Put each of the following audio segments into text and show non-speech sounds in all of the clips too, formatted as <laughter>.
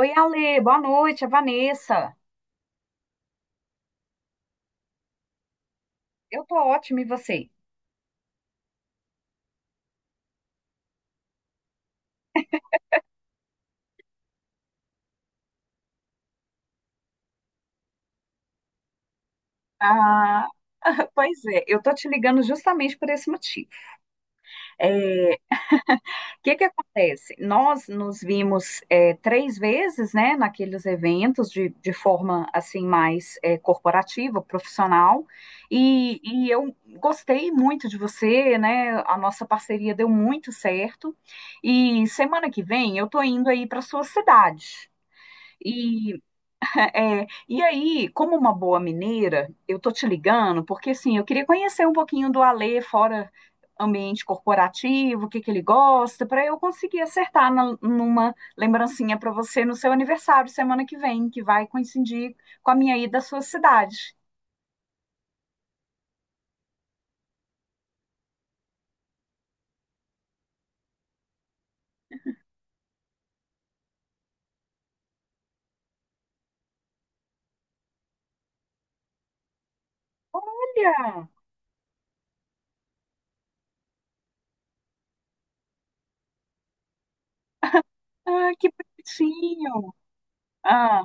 Oi, Ale, boa noite, é Vanessa. Eu tô ótima, e você? Ah, <laughs> pois é, eu tô te ligando justamente por esse motivo. É, o que acontece? Nós nos vimos três vezes, né, naqueles eventos de forma, assim, mais corporativa, profissional, e eu gostei muito de você, né, a nossa parceria deu muito certo, e semana que vem eu tô indo aí para sua cidade. E e aí, como uma boa mineira, eu tô te ligando porque assim, eu queria conhecer um pouquinho do Alê fora ambiente corporativo, o que ele gosta, para eu conseguir acertar numa lembrancinha para você no seu aniversário semana que vem, que vai coincidir com a minha ida à sua cidade. Olha, ah, que bonitinho. Ah,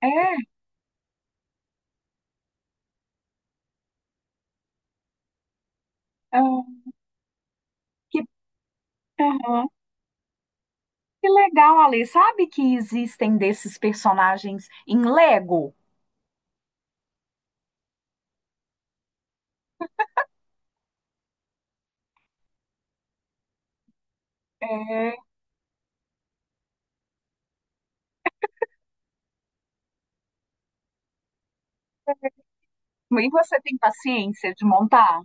é, ah, que, aham. Que legal, Alê. Sabe que existem desses personagens em Lego? É. E você tem paciência de montar?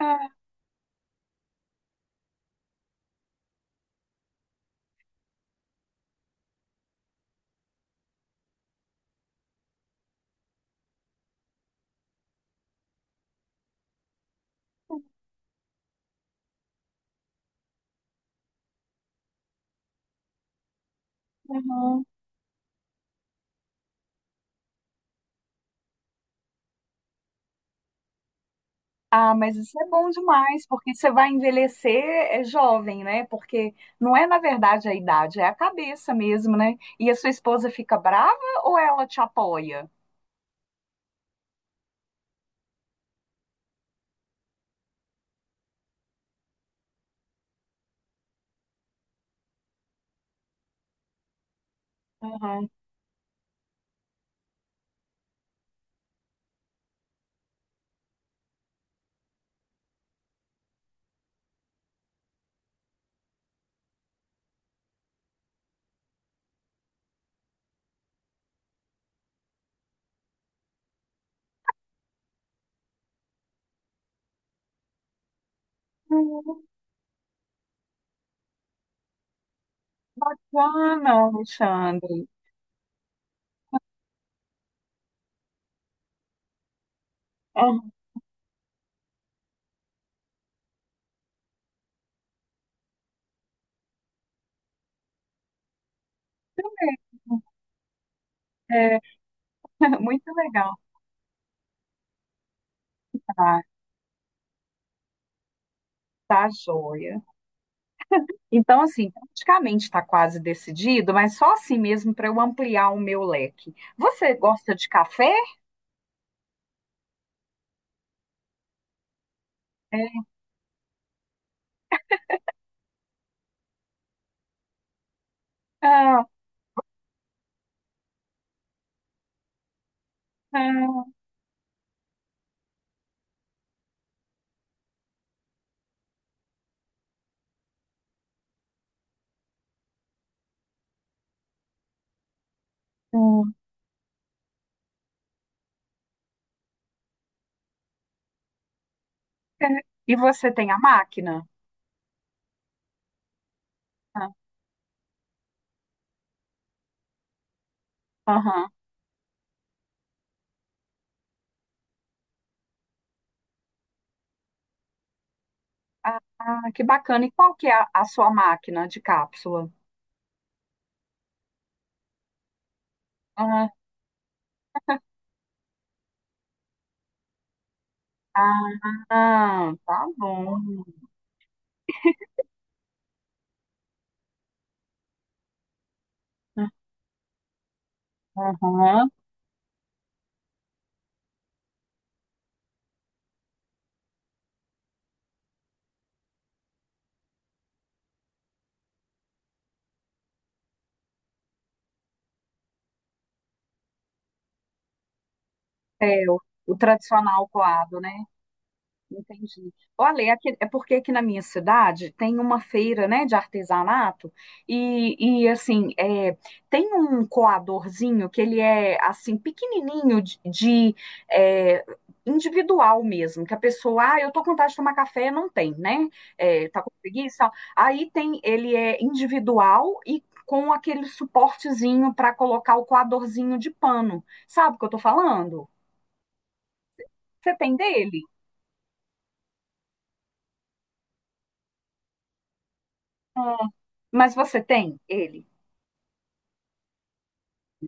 Ah, uhum. Ah, mas isso é bom demais, porque você vai envelhecer é jovem, né? Porque não é, na verdade, a idade, é a cabeça mesmo, né? E a sua esposa fica brava ou ela te apoia? Uhum. Uhum. Ah, não, Alexandre. Uhum. É, <laughs> muito legal, tá? Tá joia. Então, assim, praticamente está quase decidido, mas só assim mesmo para eu ampliar o meu leque. Você gosta de café? Ah, ah, hum. É, e você tem a máquina? Ah, aham. Ah, ah, que bacana. E qual que é a sua máquina de cápsula? Ah, ah, tá bom. Aham. É, o tradicional coado, né? Entendi. Olha, é porque aqui na minha cidade tem uma feira, né, de artesanato e assim, é, tem um coadorzinho que ele é, assim, pequenininho é, individual mesmo, que a pessoa, ah, eu tô com vontade de tomar café, não tem, né, é, tá com preguiça, aí tem, ele é individual e com aquele suportezinho para colocar o coadorzinho de pano, sabe o que eu tô falando? Você tem dele? Ah, mas você tem ele?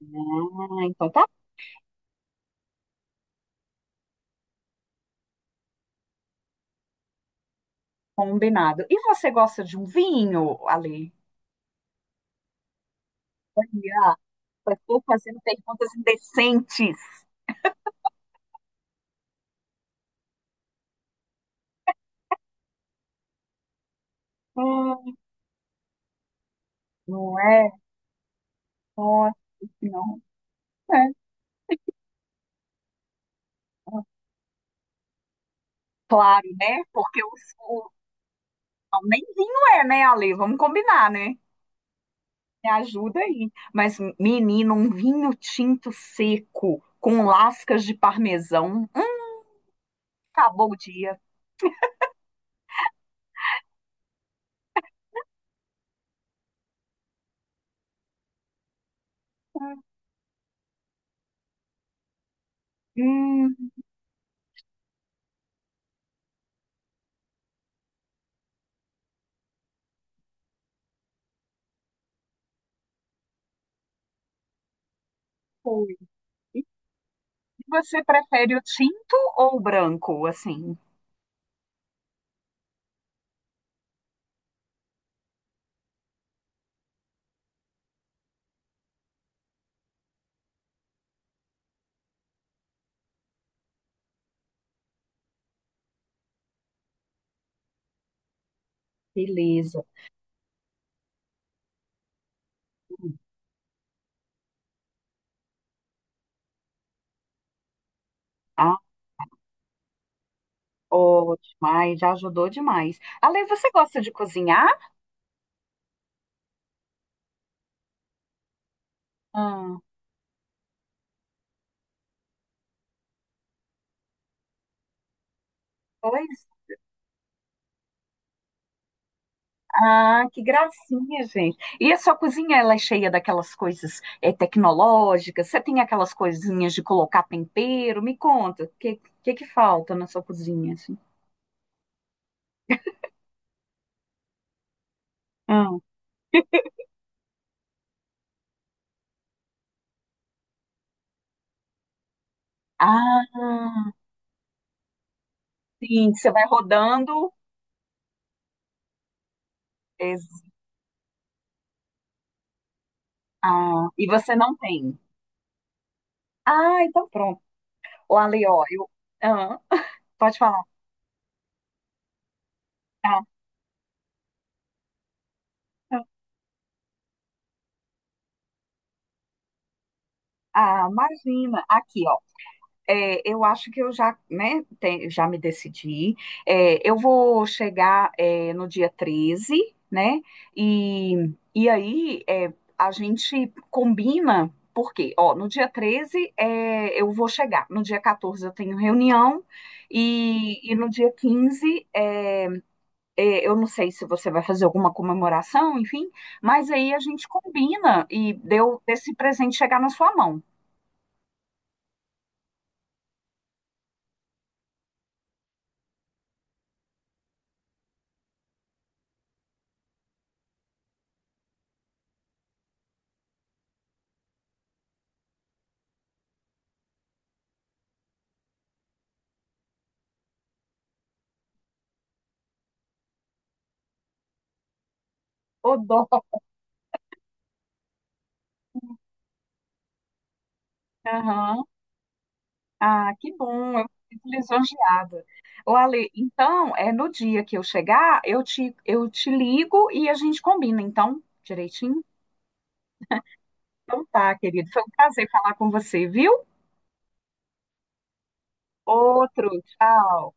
Ah, então tá combinado. E você gosta de um vinho, Ale? Ah, estou fazendo perguntas indecentes. Hum, não é? Nossa, não é. Claro, né? Porque o- não, nem vinho é, né, Ale? Vamos combinar, né? Me ajuda aí. Mas, menino, um vinho tinto seco com lascas de parmesão. Acabou o dia. Hum, foi. E você prefere o tinto ou o branco, assim? Beleza. Oh, demais, já ajudou demais. Ale, você gosta de cozinhar? Ah, pois. Ah, que gracinha, gente. E a sua cozinha, ela é cheia daquelas coisas tecnológicas? Você tem aquelas coisinhas de colocar tempero? Me conta, que falta na sua cozinha, assim? Ah, ah, sim, você vai rodando. ex- Ah, e você não tem. Ah, então pronto. Ô, Ale, ó, eu... Ah, pode falar. Ah, ah, imagina. Aqui, é, eu acho que eu já, né, já me decidi. É, eu vou chegar, é, no dia 13, né? E aí é, a gente combina, porque, ó, no dia 13 é, eu vou chegar, no dia 14 eu tenho reunião, e no dia 15 é, é, eu não sei se você vai fazer alguma comemoração, enfim, mas aí a gente combina e deu esse presente chegar na sua mão. Ô, dó. Ah, que bom, eu fico lisonjeada. Ô, Ale, então, é no dia que eu chegar, eu te ligo e a gente combina, então, direitinho? Então tá, querido. Foi um prazer falar com você, viu? Outro, tchau.